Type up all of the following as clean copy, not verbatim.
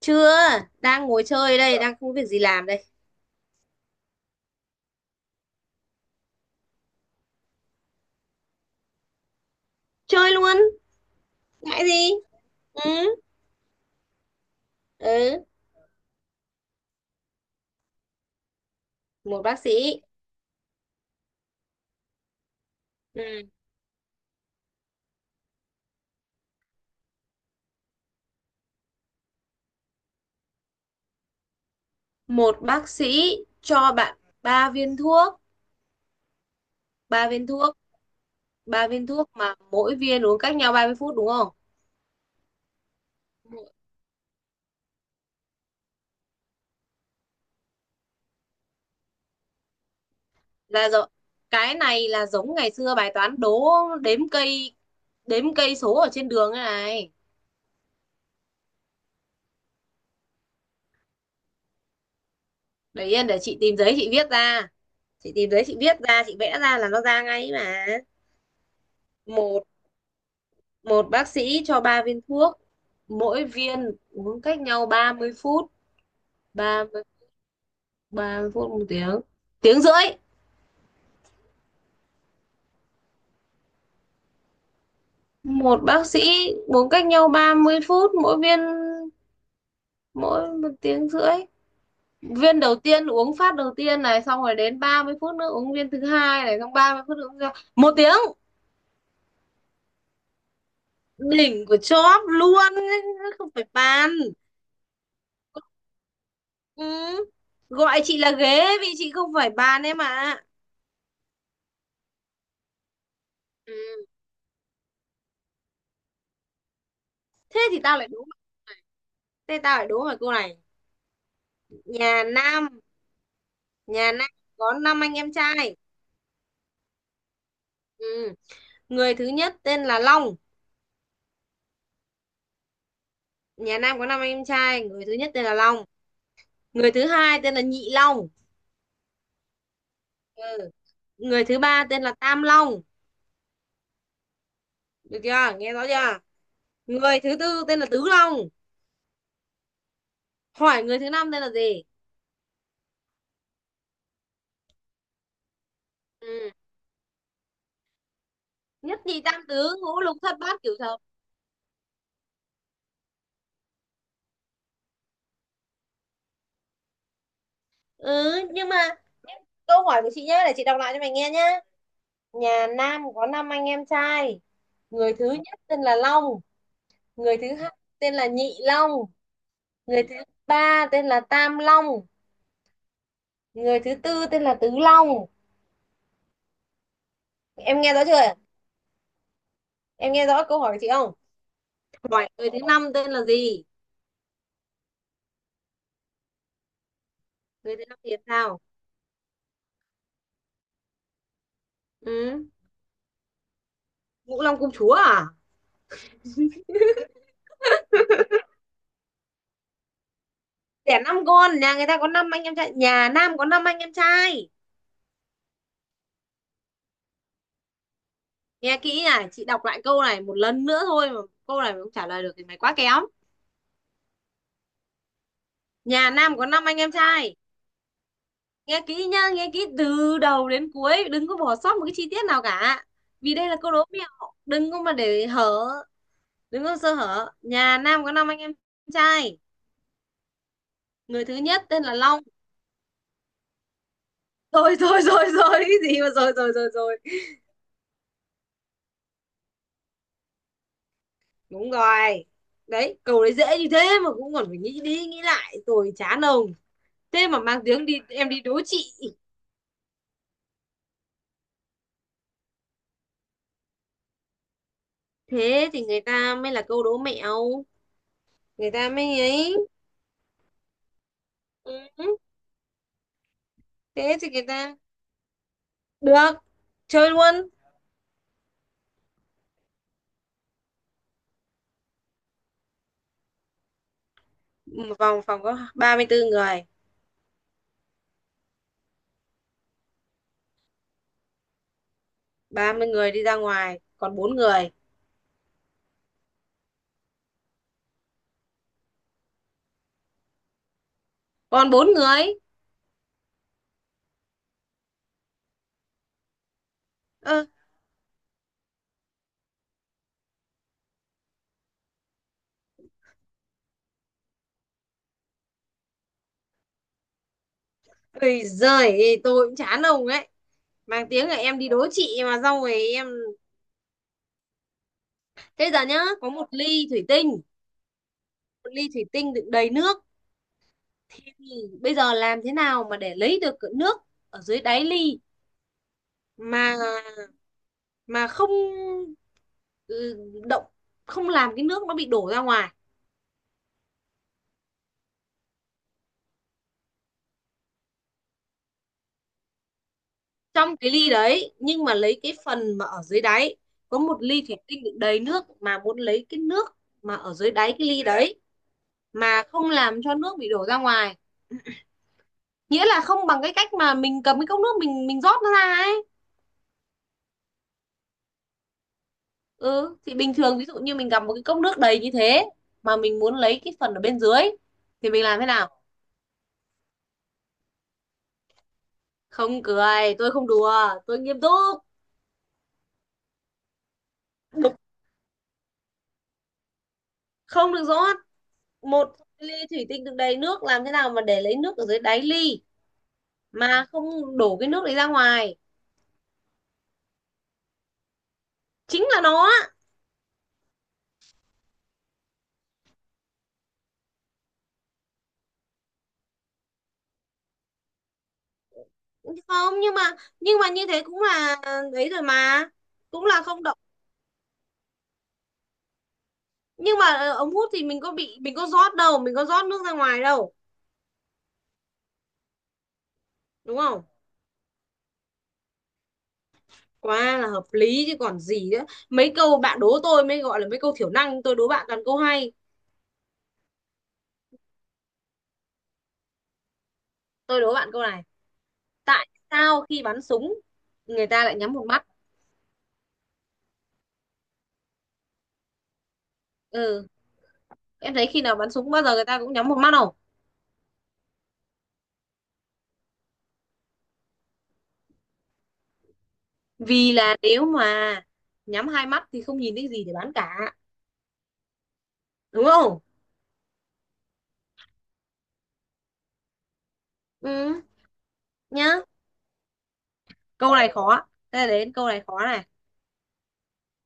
Chưa, đang ngồi chơi đây, đang không có việc gì làm đây. Chơi luôn, ngại gì? Ừ, ừ, một bác sĩ. Ừ. Một bác sĩ cho bạn ba viên thuốc, ba viên thuốc, ba viên thuốc mà mỗi viên uống cách nhau 30 phút, đúng không? Ừ. Là rồi. Cái này là giống ngày xưa bài toán đố đếm cây đếm cây số ở trên đường thế này. Để yên để chị tìm giấy chị viết ra. Chị tìm giấy chị viết ra, chị vẽ ra là nó ra ngay mà. Một một bác sĩ cho 3 viên thuốc, mỗi viên uống cách nhau 30 phút. ba 30 phút, một tiếng, tiếng rưỡi. Một bác sĩ uống cách nhau 30 phút mỗi viên, mỗi một tiếng rưỡi. Viên đầu tiên uống phát đầu tiên này, xong rồi đến 30 phút nữa uống viên thứ hai này, xong 30 phút nữa uống một tiếng. Đỉnh của chóp luôn, không phải bàn. Ừ. Gọi chị là ghế vì chị không phải bàn em ạ. À. Ừ. Thế thì tao lại đúng, thế tao lại đúng mày cô này. Nhà Nam nhà Nam có năm anh em trai. Ừ. Người thứ nhất tên là Long. Nhà Nam có năm anh em trai, người thứ nhất tên là Long, người thứ hai tên là Nhị Long. Ừ. Người thứ ba tên là Tam Long, được chưa, nghe rõ chưa? Người thứ tư tên là Tứ Long. Hỏi người thứ năm tên là gì? Ừ. Nhất, nhì, tam, tứ, ngũ, lục, thất, bát, cửu, thập. Ừ, nhưng mà câu hỏi của chị nhá, để chị đọc lại cho mày nghe nhá. Nhà Nam có năm anh em trai, người thứ nhất tên là Long, người thứ hai tên là Nhị Long, người thứ ba tên là Tam Long, người thứ tư tên là Tứ Long. Em nghe rõ chưa ạ? Em nghe rõ câu hỏi của chị không? Hỏi người thứ năm tên là gì? Người thứ năm thì sao? Ừ. Ngũ Long Công Chúa à? Đẻ năm con, nhà người ta có năm anh em trai, nhà Nam có năm anh em trai. Nghe kỹ này, chị đọc lại câu này một lần nữa thôi mà. Câu này mà không trả lời được thì mày quá kém. Nhà Nam có năm anh em trai, nghe kỹ nhá, nghe kỹ từ đầu đến cuối, đừng có bỏ sót một cái chi tiết nào cả. Vì đây là câu đố mẹo, đừng có mà để hở, đừng có sơ hở. Nhà Nam có năm anh em trai, người thứ nhất tên là Long. Rồi rồi rồi rồi, cái gì mà rồi rồi rồi rồi. Đúng rồi đấy, câu đấy dễ như thế mà cũng còn phải nghĩ đi nghĩ lại rồi, chán ông. Thế mà mang tiếng đi em đi đố chị. Thế thì người ta mới là câu đố mẹo, người ta mới ấy. Ừ, thế thì người ta. Được, chơi luôn. Ừ, vòng phòng có 34 người, 30 người đi ra ngoài, còn bốn người. Còn bốn người. Ơ, ơi giời, tôi cũng chán ông ấy, mang tiếng là em đi đố chị mà xong rồi em. Thế giờ nhá, có một ly thủy tinh, một ly thủy tinh đựng đầy nước. Thế thì bây giờ làm thế nào mà để lấy được cái nước ở dưới đáy ly, mà mà không, ừ, động, không làm cái nước nó bị đổ ra ngoài. Trong cái ly đấy nhưng mà lấy cái phần mà ở dưới đáy. Có một ly thủy tinh đựng đầy nước mà muốn lấy cái nước mà ở dưới đáy cái ly đấy, mà không làm cho nước bị đổ ra ngoài. Nghĩa là không bằng cái cách mà mình cầm cái cốc nước mình rót nó ra ấy. Ừ thì bình thường, ví dụ như mình cầm một cái cốc nước đầy như thế mà mình muốn lấy cái phần ở bên dưới thì mình làm thế nào? Không cười, tôi không đùa, tôi nghiêm túc. Không được rót. Một ly thủy tinh đựng đầy nước, làm thế nào mà để lấy nước ở dưới đáy ly mà không đổ cái nước đấy ra ngoài? Chính là nó á. Không, nhưng mà, nhưng mà như thế cũng là, đấy rồi mà, cũng là không động. Nhưng mà ống hút thì mình có rót đâu, mình có rót nước ra ngoài đâu. Đúng không? Quá là hợp lý chứ còn gì nữa. Mấy câu bạn đố tôi mới gọi là mấy câu thiểu năng, tôi đố bạn toàn câu hay. Tôi đố bạn câu này. Tại sao khi bắn súng người ta lại nhắm một mắt? Ừ, em thấy khi nào bắn súng bao giờ người ta cũng nhắm một mắt không? Vì là nếu mà nhắm hai mắt thì không nhìn thấy gì để bắn cả. Đúng không? Ừ. Nhá, câu này khó. Thế đến câu này khó này.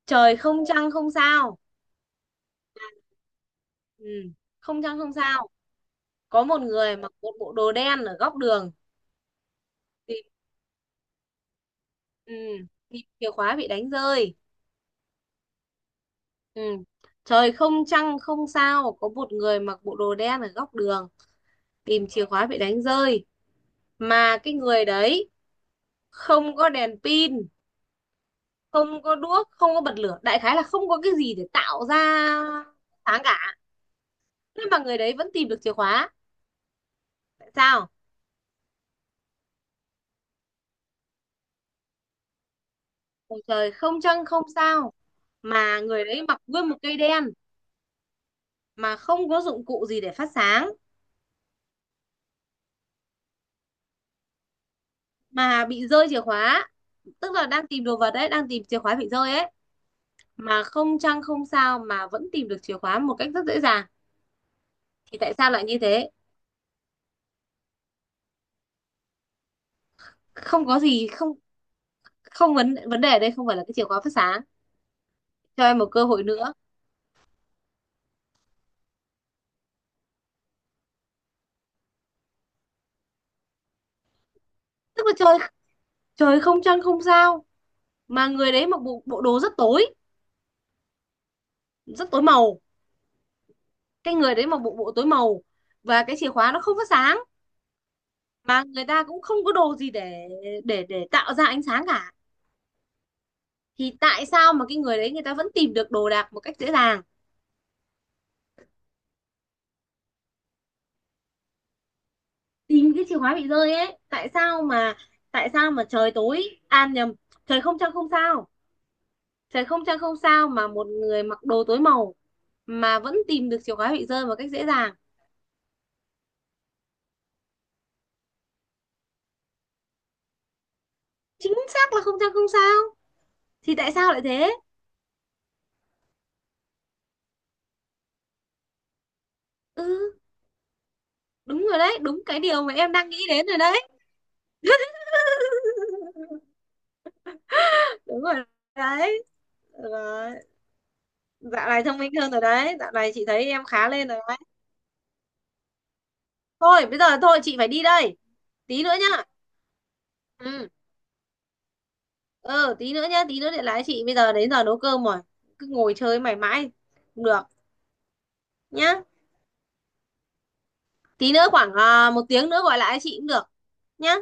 Trời không trăng không sao. Ừ. Không trăng không sao, có một người mặc một bộ đồ đen ở góc đường, tìm. Ừ. Tìm chìa khóa bị đánh rơi. Ừ. Trời không trăng không sao, có một người mặc bộ đồ đen ở góc đường, tìm chìa khóa bị đánh rơi. Mà cái người đấy không có đèn pin, không có đuốc, không có bật lửa, đại khái là không có cái gì để tạo ra sáng cả. Thế mà người đấy vẫn tìm được chìa khóa. Tại sao? Ôi trời, không trăng không sao, mà người đấy mặc nguyên một cây đen, mà không có dụng cụ gì để phát sáng, mà bị rơi chìa khóa. Tức là đang tìm đồ vật đấy, đang tìm chìa khóa bị rơi ấy, mà không trăng không sao mà vẫn tìm được chìa khóa một cách rất dễ dàng. Thì tại sao lại như thế? Không có gì, không không vấn vấn đề ở đây không phải là cái chìa khóa phát sáng. Cho em một cơ hội nữa. Tức là trời trời không trăng không sao, mà người đấy mặc bộ bộ đồ rất tối, rất tối màu. Cái người đấy mặc bộ bộ tối màu và cái chìa khóa nó không phát sáng, mà người ta cũng không có đồ gì để để tạo ra ánh sáng cả. Thì tại sao mà cái người đấy người ta vẫn tìm được đồ đạc một cách dễ dàng? Tìm cái chìa khóa bị rơi ấy. Tại sao mà, trời tối, an nhầm, trời không trăng không sao. Trời không trăng không sao mà một người mặc đồ tối màu mà vẫn tìm được chìa khóa bị rơi một cách dễ dàng. Chính xác là không trăng không sao, thì tại sao lại thế? Ừ, đúng rồi đấy, đúng cái điều mà em đang nghĩ đến rồi đấy. Đúng rồi đấy. Rồi. Dạo này thông minh hơn rồi đấy, dạo này chị thấy em khá lên rồi đấy. Thôi bây giờ thôi, chị phải đi đây. Tí nữa nhá. Ừ. Ừ, tí nữa nhá, tí nữa điện lại chị, bây giờ đến giờ nấu cơm rồi, cứ ngồi chơi mày mãi không được. Nhá, tí nữa khoảng một tiếng nữa gọi lại chị cũng được. Nhá.